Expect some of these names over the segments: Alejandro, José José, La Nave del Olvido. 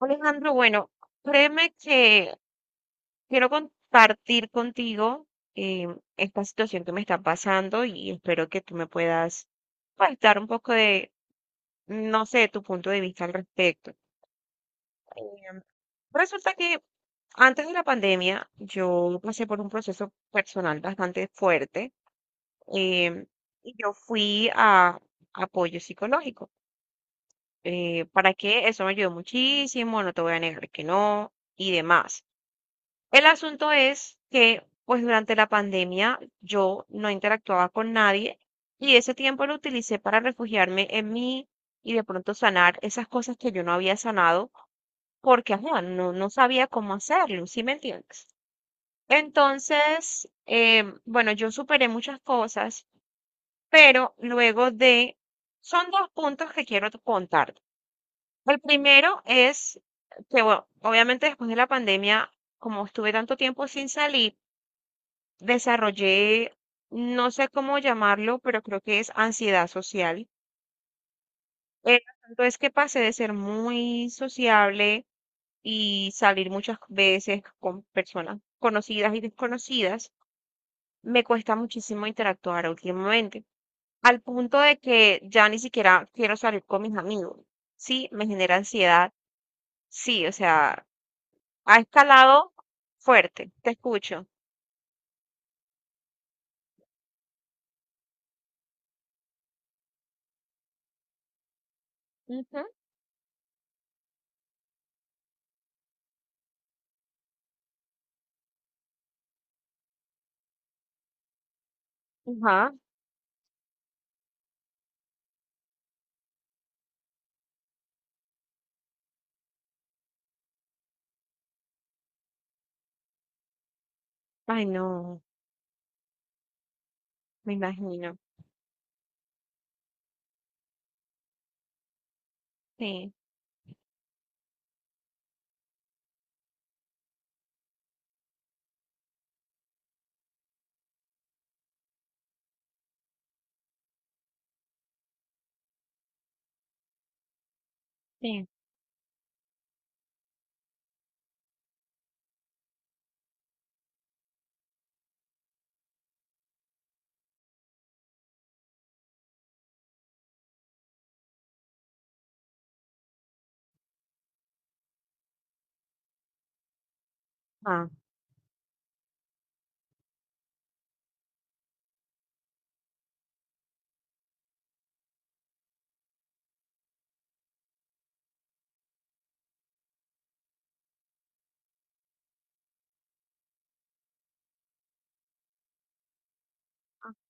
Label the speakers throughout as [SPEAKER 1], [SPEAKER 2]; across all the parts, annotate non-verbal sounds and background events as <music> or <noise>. [SPEAKER 1] Alejandro, bueno, créeme que quiero compartir contigo eh, esta situación que me está pasando y espero que tú me puedas pues, dar un poco de, no sé, tu punto de vista al respecto. Em, Resulta que antes de la pandemia yo pasé por un proceso personal bastante fuerte em, y yo fui a apoyo psicológico ¿para qué? Eso me ayudó muchísimo, no te voy a negar que no, y demás. El asunto es que, pues durante la pandemia yo no interactuaba con nadie y ese tiempo lo utilicé para refugiarme en mí y de pronto sanar esas cosas que yo no había sanado porque, ajá, no sabía cómo hacerlo, ¿sí me entiendes? Entonces, bueno, yo superé muchas cosas, pero luego de... Son dos puntos que quiero contar. El primero es que, bueno, obviamente después de la pandemia, como estuve tanto tiempo sin salir, desarrollé, no sé cómo llamarlo, pero creo que es ansiedad social. El asunto es que pasé de ser muy sociable y salir muchas veces con personas conocidas y desconocidas. Me cuesta muchísimo interactuar últimamente, al punto de que ya ni siquiera quiero salir con mis amigos. Sí, me genera ansiedad. Sí, o sea, ha escalado fuerte, te escucho. Ujú, ajá. Ay, no, me imagino. Sí, sí. Ah,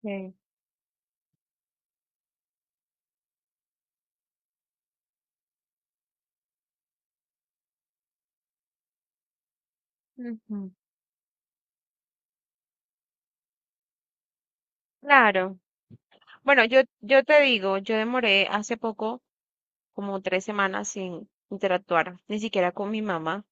[SPEAKER 1] sí. Ujú, claro. Bueno, yo te digo, yo demoré hace poco como 3 semanas sin interactuar, ni siquiera con mi mamá,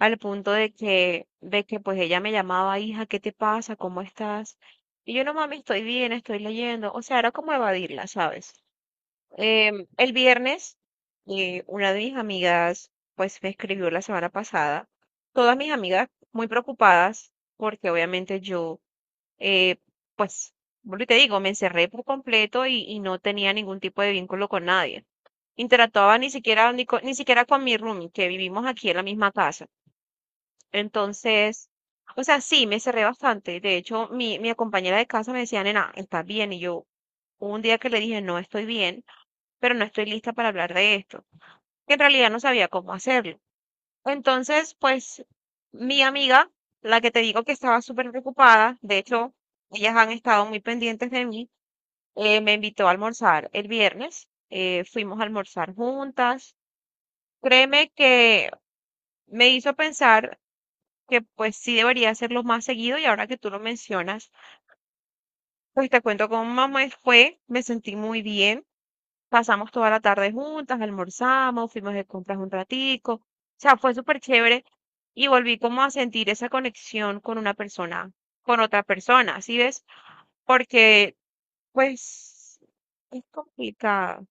[SPEAKER 1] al punto de que, pues ella me llamaba, hija, ¿qué te pasa? ¿Cómo estás? Y yo no, mami, estoy bien, estoy leyendo. O sea, era como evadirla, ¿sabes? El viernes, una de mis amigas, pues me escribió la semana pasada, todas mis amigas muy preocupadas, porque obviamente yo, eh, pues, vuelvo y te digo, me encerré por completo y no tenía ningún tipo de vínculo con nadie. Interactuaba ni siquiera, ni, ni siquiera con mi roomie, que vivimos aquí en la misma casa. Entonces, o sea, sí, me encerré bastante. De hecho, mi compañera de casa me decía, nena, ¿estás bien? Y yo, hubo un día que le dije, no estoy bien pero no estoy lista para hablar de esto, que en realidad no sabía cómo hacerlo. Entonces, pues mi amiga, la que te digo que estaba súper preocupada, de hecho, ellas han estado muy pendientes de mí, me invitó a almorzar el viernes, fuimos a almorzar juntas. Créeme que me hizo pensar que pues sí debería hacerlo más seguido y ahora que tú lo mencionas, pues te cuento cómo me fue, me sentí muy bien. Pasamos toda la tarde juntas, almorzamos, fuimos de compras un ratico. O sea, fue súper chévere y volví como a sentir esa conexión con una persona, con otra persona, ¿sí ves? Porque, pues, es complicado.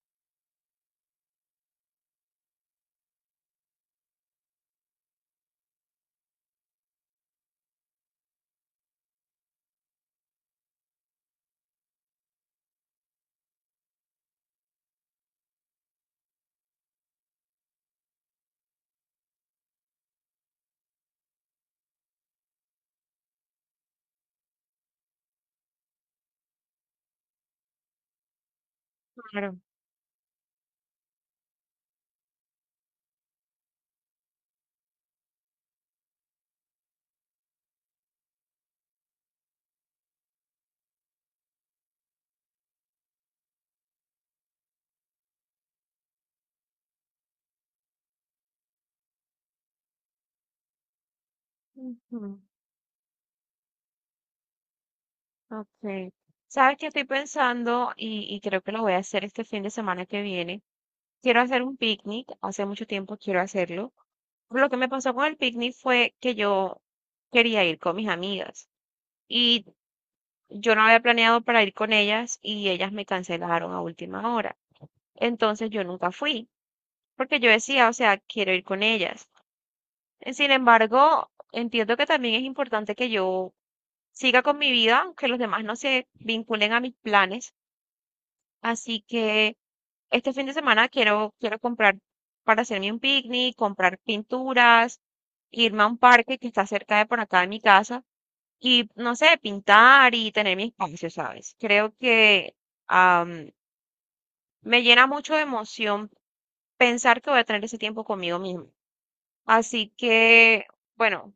[SPEAKER 1] Claro. Ujú, ok. ¿Sabes qué estoy pensando? Y creo que lo voy a hacer este fin de semana que viene. Quiero hacer un picnic. Hace mucho tiempo quiero hacerlo. Lo que me pasó con el picnic fue que yo quería ir con mis amigas. Y yo no había planeado para ir con ellas y ellas me cancelaron a última hora. Entonces yo nunca fui, porque yo decía, o sea, quiero ir con ellas. Sin embargo, entiendo que también es importante que yo siga con mi vida, que los demás no se vinculen a mis planes. Así que este fin de semana quiero comprar para hacerme un picnic, comprar pinturas, irme a un parque que está cerca de por acá de mi casa y, no sé, pintar y tener mi espacio, ¿sabes? Creo que am, me llena mucho de emoción pensar que voy a tener ese tiempo conmigo misma. Así que, bueno,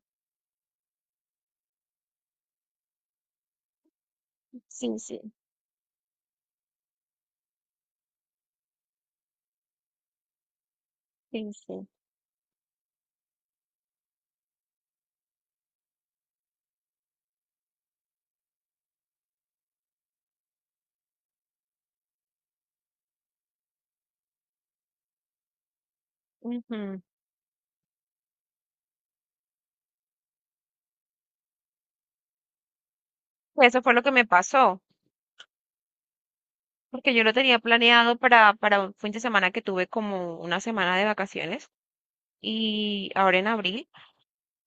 [SPEAKER 1] sí, sí, sí, sí. Ujú. Eso fue lo que me pasó, porque yo lo tenía planeado para un fin de semana que tuve como una semana de vacaciones y ahora en abril.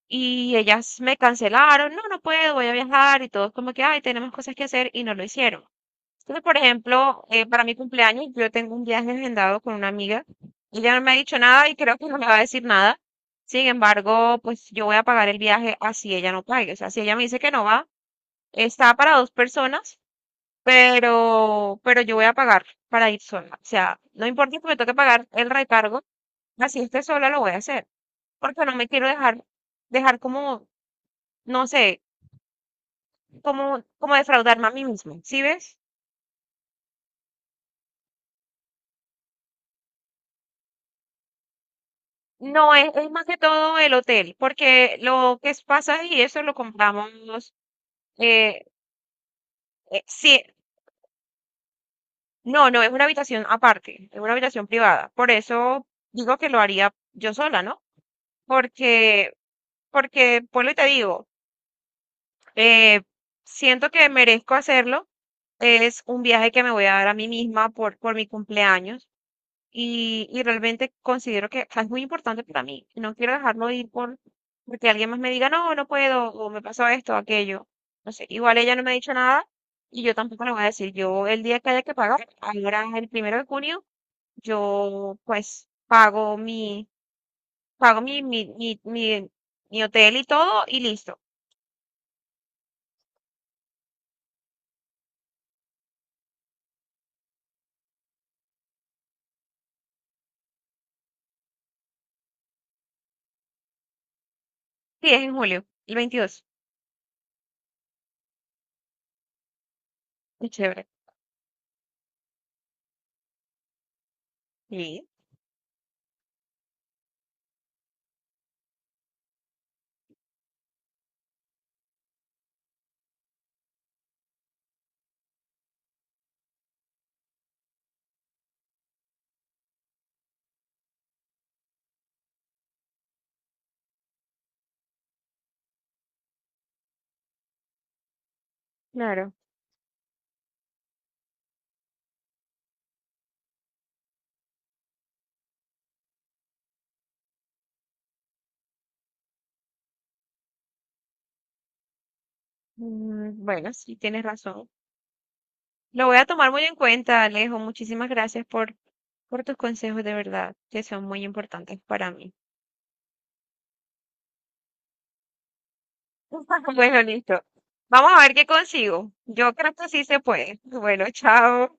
[SPEAKER 1] Y ellas me cancelaron, no, no puedo, voy a viajar y todos como que, ay, tenemos cosas que hacer y no lo hicieron. Entonces, por ejemplo, para mi cumpleaños yo tengo un viaje agendado con una amiga. Ella no me ha dicho nada y creo que no me va a decir nada. Sin embargo, pues yo voy a pagar el viaje así ella no pague. O sea, si ella me dice que no va, está para dos personas, pero yo voy a pagar para ir sola. O sea, no importa que me toque pagar el recargo, así esté sola lo voy a hacer. Porque no me quiero dejar como, no sé, como defraudarme a mí misma. ¿Sí ves? No, es más que todo el hotel, porque lo que es pasaje y eso lo compramos, eh, sí, no, no, es una habitación aparte, es una habitación privada. Por eso digo que lo haría yo sola, ¿no? Porque, porque, pues lo te digo, eh, siento que merezco hacerlo. Es un viaje que me voy a dar a mí misma por mi cumpleaños. Y realmente considero que, o sea, es muy importante para mí. No quiero dejarlo ir por, porque alguien más me diga, no, no puedo, o me pasó esto, aquello. No sé, igual ella no me ha dicho nada y yo tampoco le voy a decir. Yo, el día que haya que pagar, ahora el primero de junio, yo pues pago mi, pago mi, mi, mi, mi, mi hotel y todo y listo. Sí, es en julio, el 22. Qué chévere. Sí, claro. Mm, bueno, sí, tienes razón. Lo voy a tomar muy en cuenta, Alejo. Muchísimas gracias por tus consejos, de verdad, que son muy importantes para mí. <laughs> Bueno, listo. Vamos a ver qué consigo. Yo creo que sí se puede. Bueno, chao.